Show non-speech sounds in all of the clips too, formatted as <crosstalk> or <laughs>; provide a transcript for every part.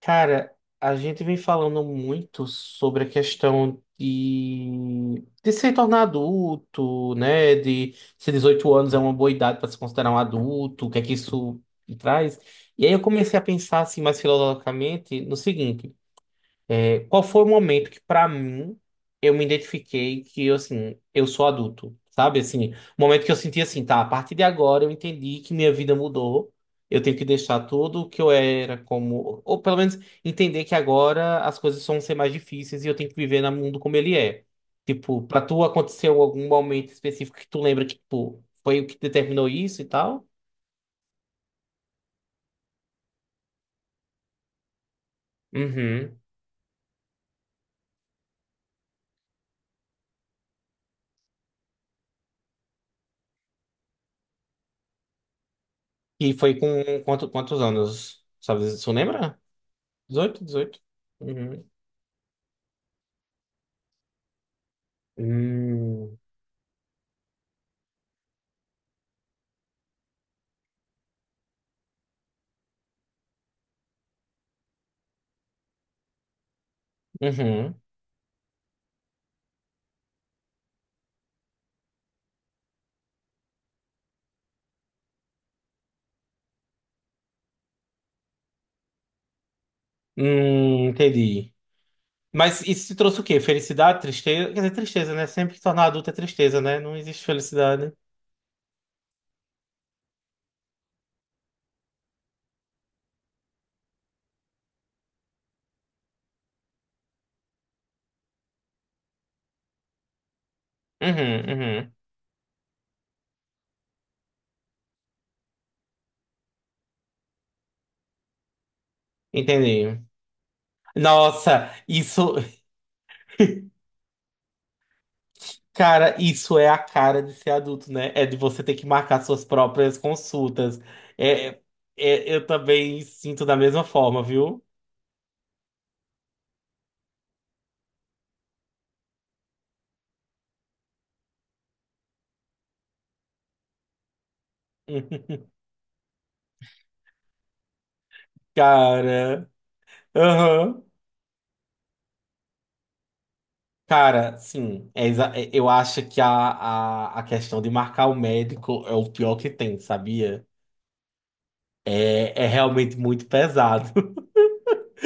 Cara, a gente vem falando muito sobre a questão de se tornar adulto, né? De se 18 anos é uma boa idade para se considerar um adulto, o que é que isso traz? E aí eu comecei a pensar assim mais filosoficamente no seguinte. Qual foi o momento que, pra mim, eu me identifiquei que, assim, eu sou adulto, sabe? Assim, o momento que eu senti assim, tá, a partir de agora eu entendi que minha vida mudou, eu tenho que deixar tudo o que eu era como... Ou pelo menos entender que agora as coisas vão ser mais difíceis e eu tenho que viver no mundo como ele é. Tipo, pra tu aconteceu algum momento específico que tu lembra que, tipo, foi o que determinou isso e tal? Uhum. E foi com quantos anos? Sabe, tu lembra? Dezoito. Uhum. Hum, uhum. Entendi. Mas isso te trouxe o quê? Felicidade, tristeza? Quer dizer, tristeza, né? Sempre que tornar adulto é tristeza, né? Não existe felicidade. Uhum, uhum. Entendi. Nossa, isso, <laughs> cara, isso é a cara de ser adulto, né? É de você ter que marcar suas próprias consultas. É, é, é, eu também sinto da mesma forma, viu? <laughs> Cara. Aham. Cara, sim, eu acho que a questão de marcar o médico é o pior que tem, sabia? É, é realmente muito pesado.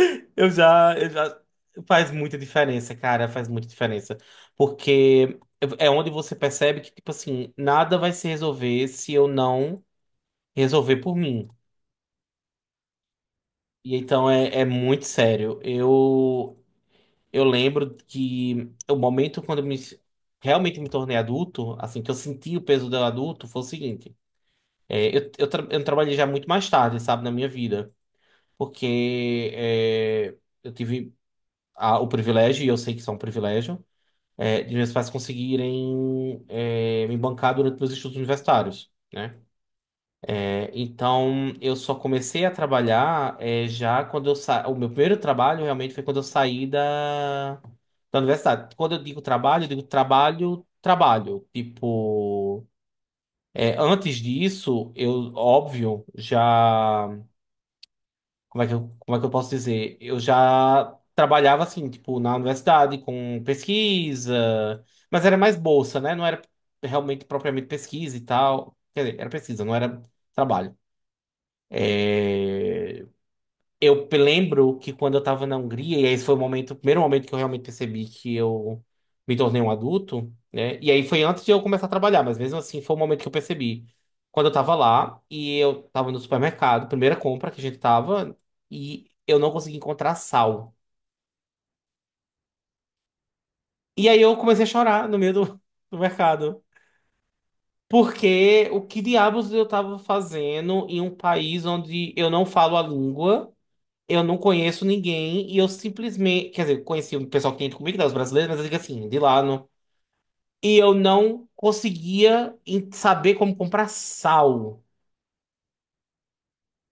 <laughs> Eu já. Faz muita diferença, cara, faz muita diferença. Porque é onde você percebe que, tipo assim, nada vai se resolver se eu não resolver por mim. E então é muito sério. Eu lembro que o momento quando realmente me tornei adulto, assim, que eu senti o peso do adulto, foi o seguinte. Eu trabalhei já muito mais tarde, sabe, na minha vida, porque eu tive o privilégio, e eu sei que isso é um privilégio, de meus pais conseguirem me bancar durante meus estudos universitários, né? Então, eu só comecei a trabalhar já quando o meu primeiro trabalho realmente foi quando eu saí da universidade. Quando eu digo trabalho, trabalho. Tipo, antes disso, eu, óbvio, já. Como é que eu posso dizer? Eu já trabalhava assim, tipo, na universidade com pesquisa, mas era mais bolsa, né? Não era realmente propriamente pesquisa e tal. Quer dizer, era pesquisa, não era trabalho. É, eu lembro que quando eu estava na Hungria, e esse foi o momento, o primeiro momento que eu realmente percebi que eu me tornei um adulto, né? E aí foi antes de eu começar a trabalhar, mas mesmo assim foi o momento que eu percebi. Quando eu estava lá e eu estava no supermercado, primeira compra que a gente estava e eu não consegui encontrar sal. E aí eu comecei a chorar no meio do mercado. Porque o que diabos eu estava fazendo em um país onde eu não falo a língua? Eu não conheço ninguém e eu simplesmente. Quer dizer, conheci um pessoal que tinha ido comigo, né, os brasileiros, mas eu digo assim, de lá. No E eu não conseguia saber como comprar sal,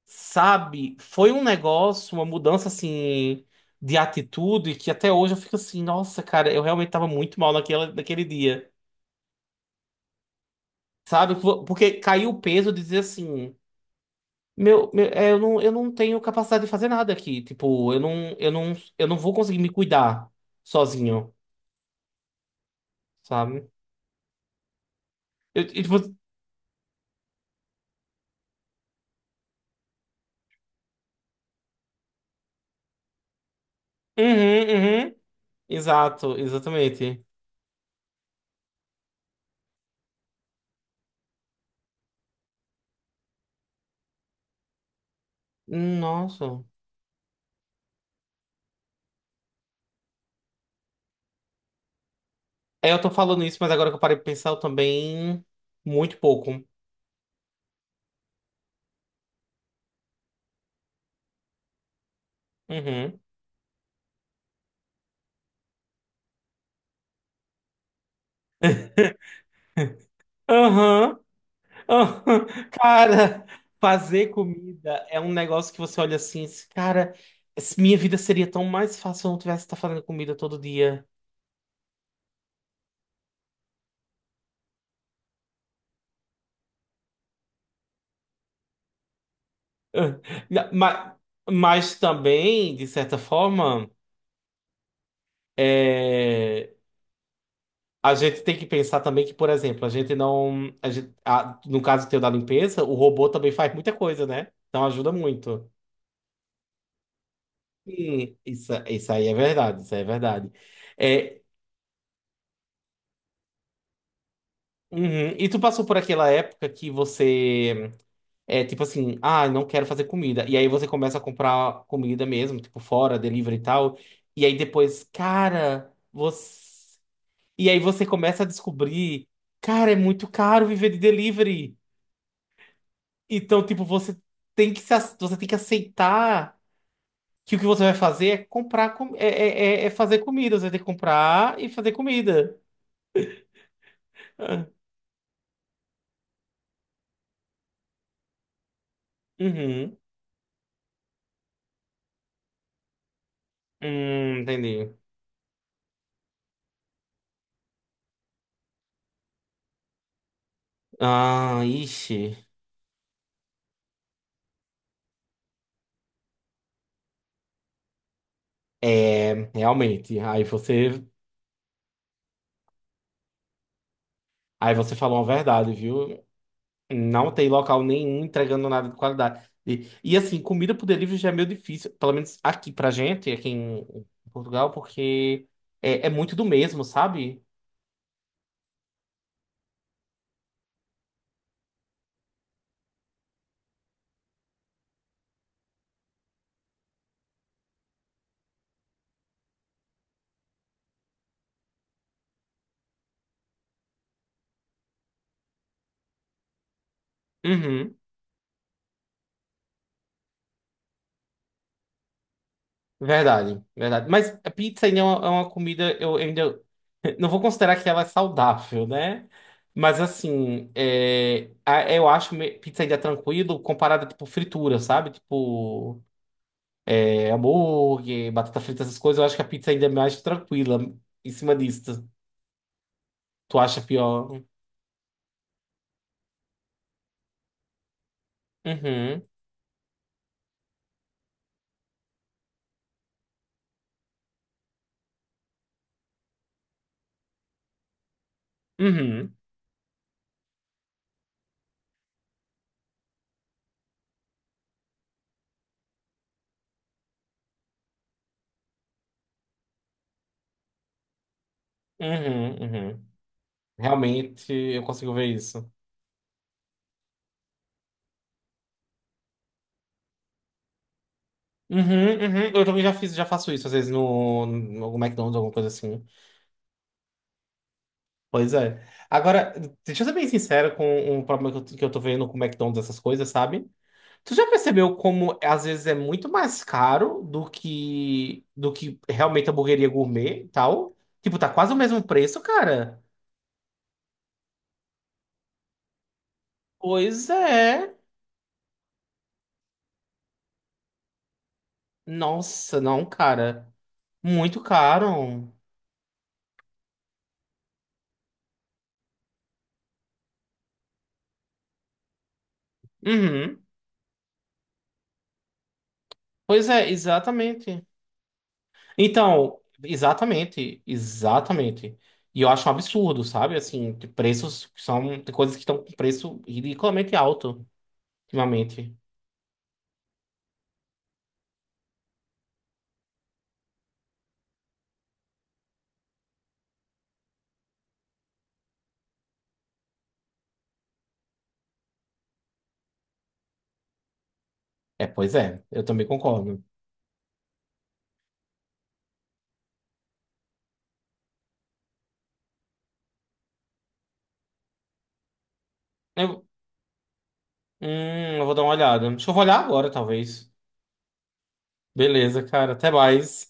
sabe? Foi um negócio, uma mudança assim de atitude que até hoje eu fico assim, nossa, cara, eu realmente tava muito mal naquele dia, sabe? Porque caiu o peso de dizer assim. Meu, é, eu não tenho capacidade de fazer nada aqui. Tipo, eu não vou conseguir me cuidar sozinho, sabe? Eu, e, tipo, uhum, uhum, exato, exatamente. Nossa. Eu tô falando isso, mas agora que eu parei de pensar, eu também muito pouco. Uhum. Aham, aham. <laughs> Cara, fazer comida é um negócio que você olha assim, esse cara, minha vida seria tão mais fácil se eu não tivesse que estar fazendo comida todo dia. Mas, mas também, de certa forma, é, a gente tem que pensar também que, por exemplo, a gente não. No caso teu da limpeza, o robô também faz muita coisa, né? Então ajuda muito. Sim, isso aí é verdade, isso aí é verdade. É, uhum. E tu passou por aquela época que você é tipo assim, ah, não quero fazer comida. E aí você começa a comprar comida mesmo, tipo fora, delivery e tal. E aí depois, cara, você. E aí você começa a descobrir, cara, é muito caro viver de delivery. Então, tipo, você tem que se, ac- você tem que aceitar que o que você vai fazer é comprar com, é, é, é é fazer comida. Você vai ter que comprar e fazer comida. Ah, uhum. Entendi. Ah, ixi. É, realmente. Aí você falou uma verdade, viu? Não tem local nenhum entregando nada de qualidade. E assim, comida por delivery já é meio difícil, pelo menos aqui pra gente, aqui em Portugal, porque é muito do mesmo, sabe? Uhum. Verdade, verdade. Mas a pizza ainda é uma, comida, eu ainda <laughs> não vou considerar que ela é saudável, né? Mas assim, eu acho pizza ainda tranquilo comparada, tipo, fritura, sabe? Tipo, hambúrguer, batata frita, essas coisas, eu acho que a pizza ainda é mais tranquila em cima disso. Tu acha pior? Uhum, uhum, uhum, uhum. Realmente, eu consigo ver isso. Uhum, uhum. Eu também já fiz, já faço isso, às vezes, no algum McDonald's, alguma coisa assim. Pois é. Agora, deixa eu ser bem sincero com um problema que eu tô vendo com o McDonald's, essas coisas, sabe? Tu já percebeu como às vezes é muito mais caro do que realmente a hamburgueria gourmet e tal? Tipo, tá quase o mesmo preço, cara. Pois é. Nossa, não, cara. Muito caro. Uhum. Pois é, exatamente. Então, exatamente, exatamente. E eu acho um absurdo, sabe? Assim, de preços que são, tem coisas que estão com preço ridiculamente alto ultimamente. É, pois é, eu também concordo. Eu, eu vou dar uma olhada. Deixa eu olhar agora, talvez. Beleza, cara, até mais.